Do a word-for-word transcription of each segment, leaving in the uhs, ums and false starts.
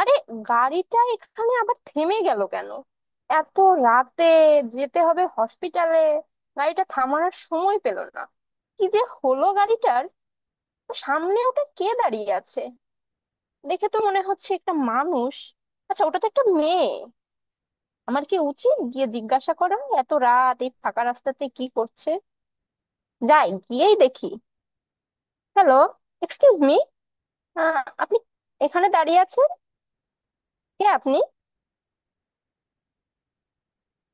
আরে, গাড়িটা এখানে আবার থেমে গেল কেন? এত রাতে যেতে হবে হসপিটালে, গাড়িটা থামানোর সময় পেল না। কি যে হলো গাড়িটার! সামনে ওটা কে দাঁড়িয়ে আছে? দেখে তো মনে হচ্ছে একটা মানুষ। আচ্ছা, ওটা তো একটা মেয়ে। আমার কি উচিত গিয়ে জিজ্ঞাসা করা? এত রাত এই ফাঁকা রাস্তাতে কি করছে? যাই, গিয়েই দেখি। হ্যালো, এক্সকিউজ মি, আপনি এখানে দাঁড়িয়ে আছেন? কে আপনি?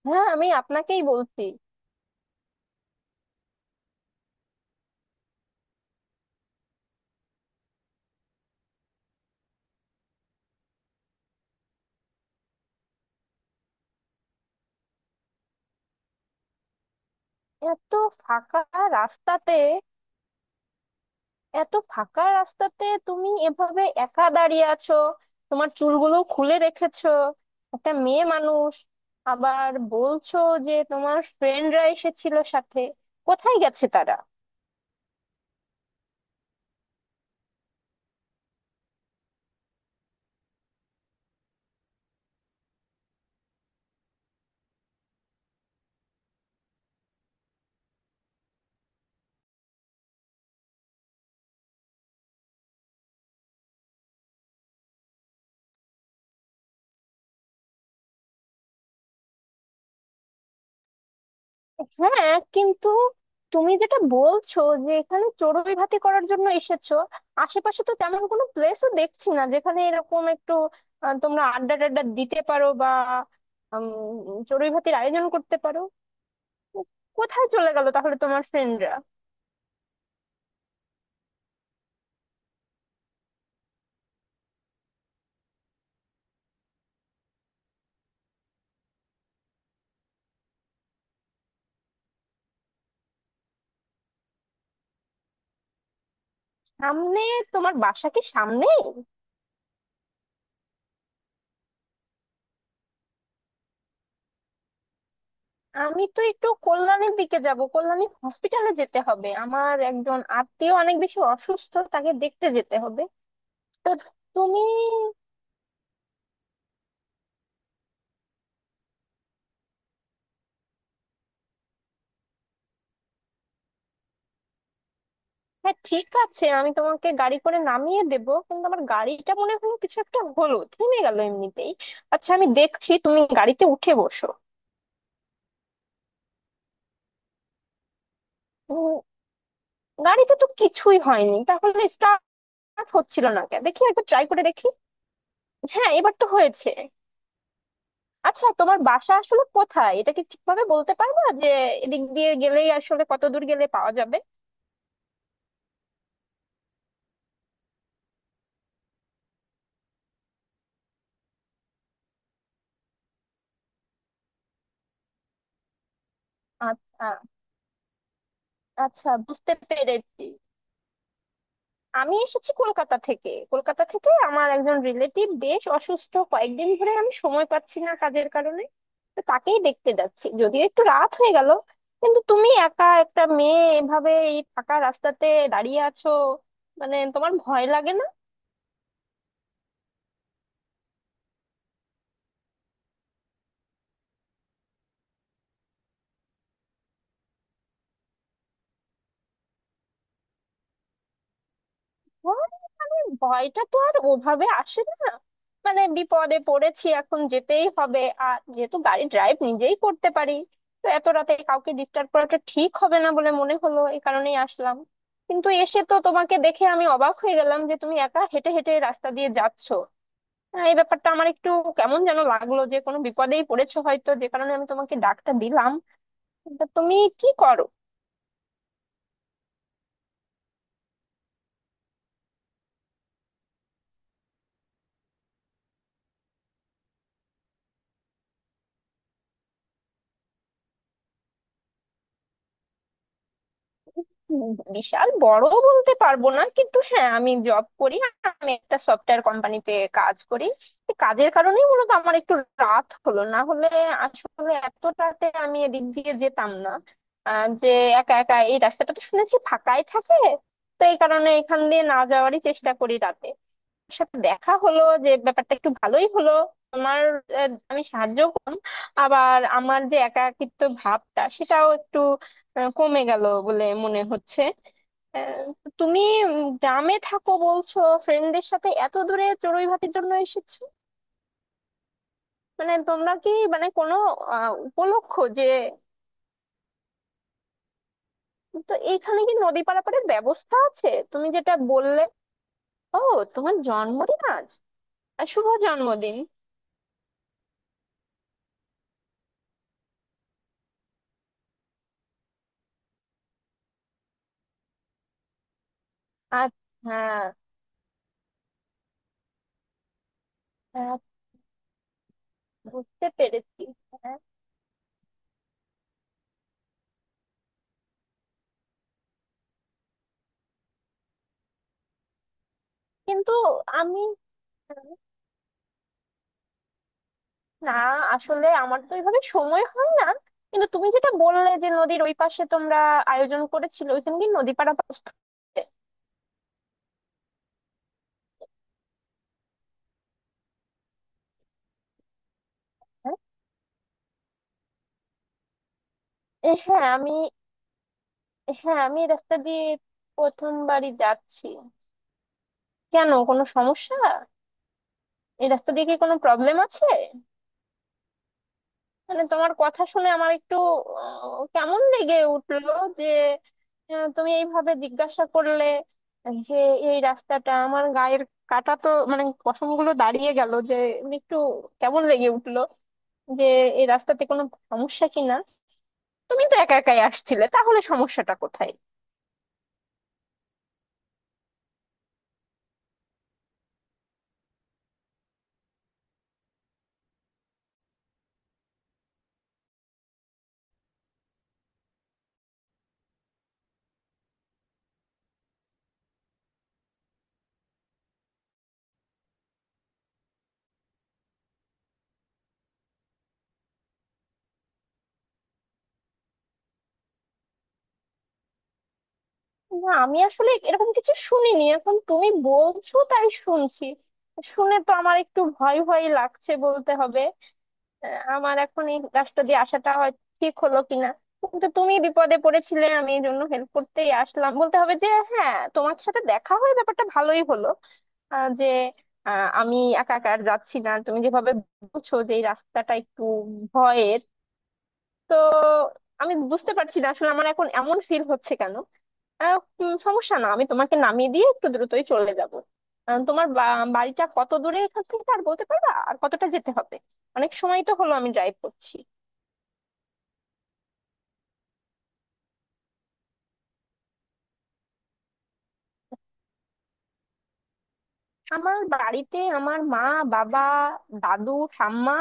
হ্যাঁ, আমি আপনাকেই বলছি। এত ফাঁকা রাস্তাতে, এত ফাঁকা রাস্তাতে তুমি এভাবে একা দাঁড়িয়ে আছো, তোমার চুলগুলো খুলে রেখেছো, একটা মেয়ে মানুষ। আবার বলছো যে তোমার ফ্রেন্ডরা এসেছিল সাথে, কোথায় গেছে তারা? হ্যাঁ, কিন্তু তুমি যেটা বলছো যে এখানে চড়ুই ভাতি করার জন্য এসেছো, আশেপাশে তো তেমন কোনো প্লেসও দেখছি না যেখানে এরকম একটু আহ, তোমরা আড্ডা টাড্ডা দিতে পারো বা উম, চড়ুই ভাতির আয়োজন করতে পারো। কোথায় চলে গেল তাহলে তোমার ফ্রেন্ডরা? সামনে তোমার বাসা কি সামনেই? আমি তো একটু কল্যাণীর দিকে যাব, কল্যাণী হসপিটালে যেতে হবে, আমার একজন আত্মীয় অনেক বেশি অসুস্থ, তাকে দেখতে যেতে হবে। তো তুমি, হ্যাঁ ঠিক আছে, আমি তোমাকে গাড়ি করে নামিয়ে দেব, কিন্তু আমার গাড়িটা মনে হলো কিছু একটা হলো, থেমে গেল এমনিতেই। আচ্ছা, আমি দেখছি, তুমি গাড়িতে উঠে বসো। উম, গাড়িতে তো কিছুই হয়নি, তাহলে স্টার্ট হচ্ছিল না কেন? দেখি একবার ট্রাই করে দেখি। হ্যাঁ, এবার তো হয়েছে। আচ্ছা, তোমার বাসা আসলে কোথায়, এটা কি ঠিকভাবে বলতে পারবা যে এদিক দিয়ে গেলেই আসলে কত দূর গেলে পাওয়া যাবে? আচ্ছা আচ্ছা, বুঝতে পেরেছি। আমি এসেছি কলকাতা থেকে। কলকাতা থেকে আমার একজন রিলেটিভ বেশ অসুস্থ, কয়েকদিন ধরে আমি সময় পাচ্ছি না কাজের কারণে। তো তাকেই দেখতে যাচ্ছি, যদিও একটু রাত হয়ে গেল। কিন্তু তুমি একা একটা মেয়ে এভাবে এই ফাঁকা রাস্তাতে দাঁড়িয়ে আছো, মানে তোমার ভয় লাগে না? ভয়, মানে ভয়টা তো আর ওভাবে আসে না। মানে বিপদে পড়েছি, এখন যেতেই হবে। আর যেহেতু গাড়ি ড্রাইভ নিজেই করতে পারি, তো এত রাতে কাউকে ডিস্টার্ব করাটা ঠিক হবে না বলে মনে হলো, এই কারণেই আসলাম। কিন্তু এসে তো তোমাকে দেখে আমি অবাক হয়ে গেলাম যে তুমি একা হেঁটে হেঁটে রাস্তা দিয়ে যাচ্ছো। আহ, এই ব্যাপারটা আমার একটু কেমন যেন লাগলো, যে কোনো বিপদেই পড়েছো হয়তো, যে কারণে আমি তোমাকে ডাকটা দিলাম। তা তুমি কি করো? উম, বিশাল বড় বলতে পারবো না, কিন্তু হ্যাঁ, আমি জব করি। আমি একটা সফটওয়্যার কোম্পানিতে কাজ করি। এই কাজের কারণেই মূলত আমার একটু রাত হলো, না হলে আসলে এত রাতে আমি এদিক দিয়ে যেতাম না। আহ, যে একা একা এই রাস্তাটা তো শুনেছি ফাঁকাই থাকে, তো এই কারণে এখান দিয়ে না যাওয়ারই চেষ্টা করি রাতে। তোমার সাথে দেখা হলো, যে ব্যাপারটা একটু ভালোই হলো। তোমার আহ, আমি সাহায্য, আবার আমার যে একাকিত্ব ভাবটা সেটাও একটু আহ, কমে গেল বলে মনে হচ্ছে। আহ, তুমি উম, গ্রামে থাকো বলছো, ফ্রেন্ডদের সাথে এত দূরে চড়ুই ভাতির জন্য এসেছো, মানে তোমরা কি মানে কোনো আহ, উপলক্ষ যে, তো এখানে কি নদী পারাপারের ব্যবস্থা আছে তুমি যেটা বললে? ও, তোমার জন্মদিন আজ। আহ, শুভ জন্মদিন। আচ্ছা, হ্যাঁ, বুঝতে পেরেছি। হ্যাঁ, কিন্তু আমি না আসলে আমার তো এইভাবে সময় হয় না, কিন্তু তুমি যেটা বললে যে নদীর ওই পাশে তোমরা আয়োজন করেছিলে, ওইখানে কি নদী পারাপার স্থান? এ, হ্যাঁ, আমি হ্যাঁ আমি এই রাস্তা দিয়ে প্রথমবারই যাচ্ছি। কেন, কোনো সমস্যা? এই রাস্তা দিয়ে কি কোনো প্রবলেম আছে? মানে তোমার কথা শুনে আমার একটু আহ, কেমন লেগে উঠলো যে আহ, তুমি এইভাবে জিজ্ঞাসা করলে যে, এই রাস্তাটা আমার গায়ের কাটা তো মানে পশমগুলো দাঁড়িয়ে গেল যে, একটু কেমন লেগে উঠলো যে এই রাস্তাতে কোনো সমস্যা কিনা। তুমি তো একা একাই আসছিলে, তাহলে সমস্যাটা কোথায়? না, আমি আসলে এরকম কিছু শুনিনি, এখন তুমি বলছো তাই শুনছি। শুনে তো আমার একটু ভয় ভয় লাগছে বলতে হবে। আহ, আমার এখন এই রাস্তা দিয়ে আসাটা হয় ঠিক হলো কিনা, কিন্তু তুমি বিপদে পড়েছিলে, আমি এই জন্য হেল্প করতেই আসলাম বলতে হবে যে, হ্যাঁ, তোমার সাথে দেখা হয়ে ব্যাপারটা ভালোই হলো। আহ, যে আহ, আমি একা একা আর যাচ্ছি না তুমি যেভাবে বলছো যে এই রাস্তাটা একটু ভয়ের। আমি বুঝতে পারছি না আসলে আমার এখন এমন ফিল হচ্ছে কেন। আহ, উম, সমস্যা না, আমি তোমাকে নামিয়ে দিয়ে একটু দ্রুতই চলে যাব। আহ, তোমার বা- বাড়িটা কত দূরে এখান থেকে, আর বলতে পারবা আর কতটা যেতে হবে? অনেক সময় তো হলো আমি ড্রাইভ করছি। আমার বাড়িতে আমার মা, বাবা, দাদু, ঠাম্মা,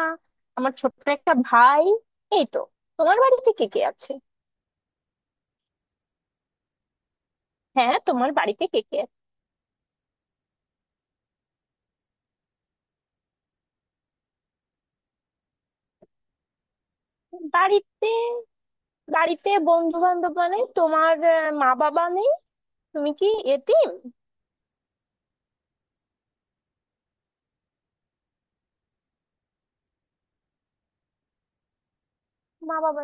আমার ছোট্ট একটা ভাই, এই তো। তোমার বাড়িতে কে কে আছে? হ্যাঁ, তোমার বাড়িতে কে কে আছে? বাড়িতে, বাড়িতে বন্ধু বান্ধব, মানে তোমার আহ, মা বাবা নেই? তুমি কি এতিম? মা বাবা,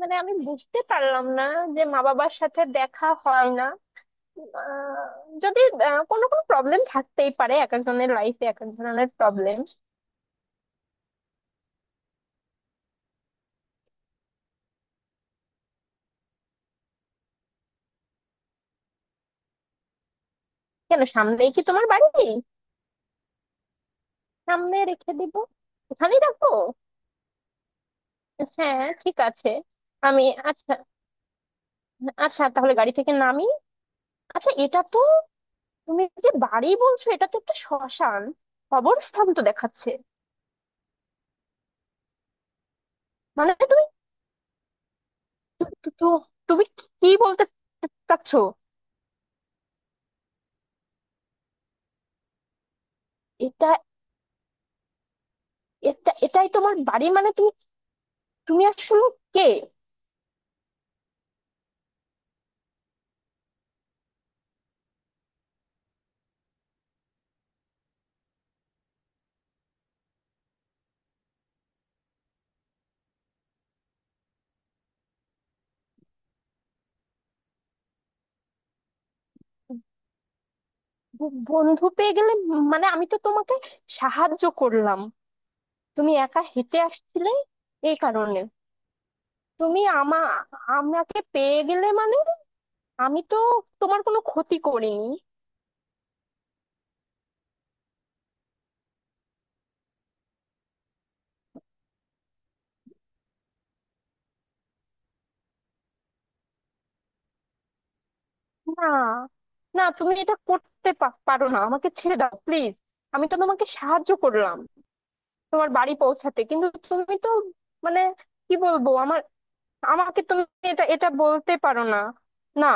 মানে আমি বুঝতে পারলাম না যে মা বাবার সাথে দেখা হয় না। আহ, যদি আহ, কোনো কোনো প্রবলেম থাকতেই পারে, এক একজনের লাইফে এক এক ধরনের প্রবলেম। কেন, সামনেই কি তোমার বাড়ি? সামনে রেখে দিব, ওখানেই রাখবো। হ্যাঁ ঠিক আছে, আমি আচ্ছা, আচ্ছা তাহলে গাড়ি থেকে নামি। আচ্ছা, এটা তো তুমি যে বাড়ি বলছো, এটা তো একটা শ্মশান, কবরস্থান তো দেখাচ্ছে। মানে তুমি, তু- তু- তু- তুমি কি বলতে চাচ্ছো? এটা এটা এটাই তোমার বাড়ি? মানে তুমি তুমি আসলে কে? ব- বন্ধু পেয়ে গেলে? মানে আমি তো তোমাকে সাহায্য করলাম, তুমি একা হেঁটে আসছিলে এই কারণে। তুমি আমা আমাকে পেয়ে গেলে মানে? আমি তো তোমার কোনো ক্ষতি করিনি। না, না, তুমি এটা করতে পা- পারো না, আমাকে ছেড়ে দাও প্লিজ। আমি তো তোমাকে সাহায্য করলাম তোমার বাড়ি পৌঁছাতে, কিন্তু তুমি তো, মানে কি বলবো আমার, আমাকে তুমি এটা এটা বলতে পারো না। না।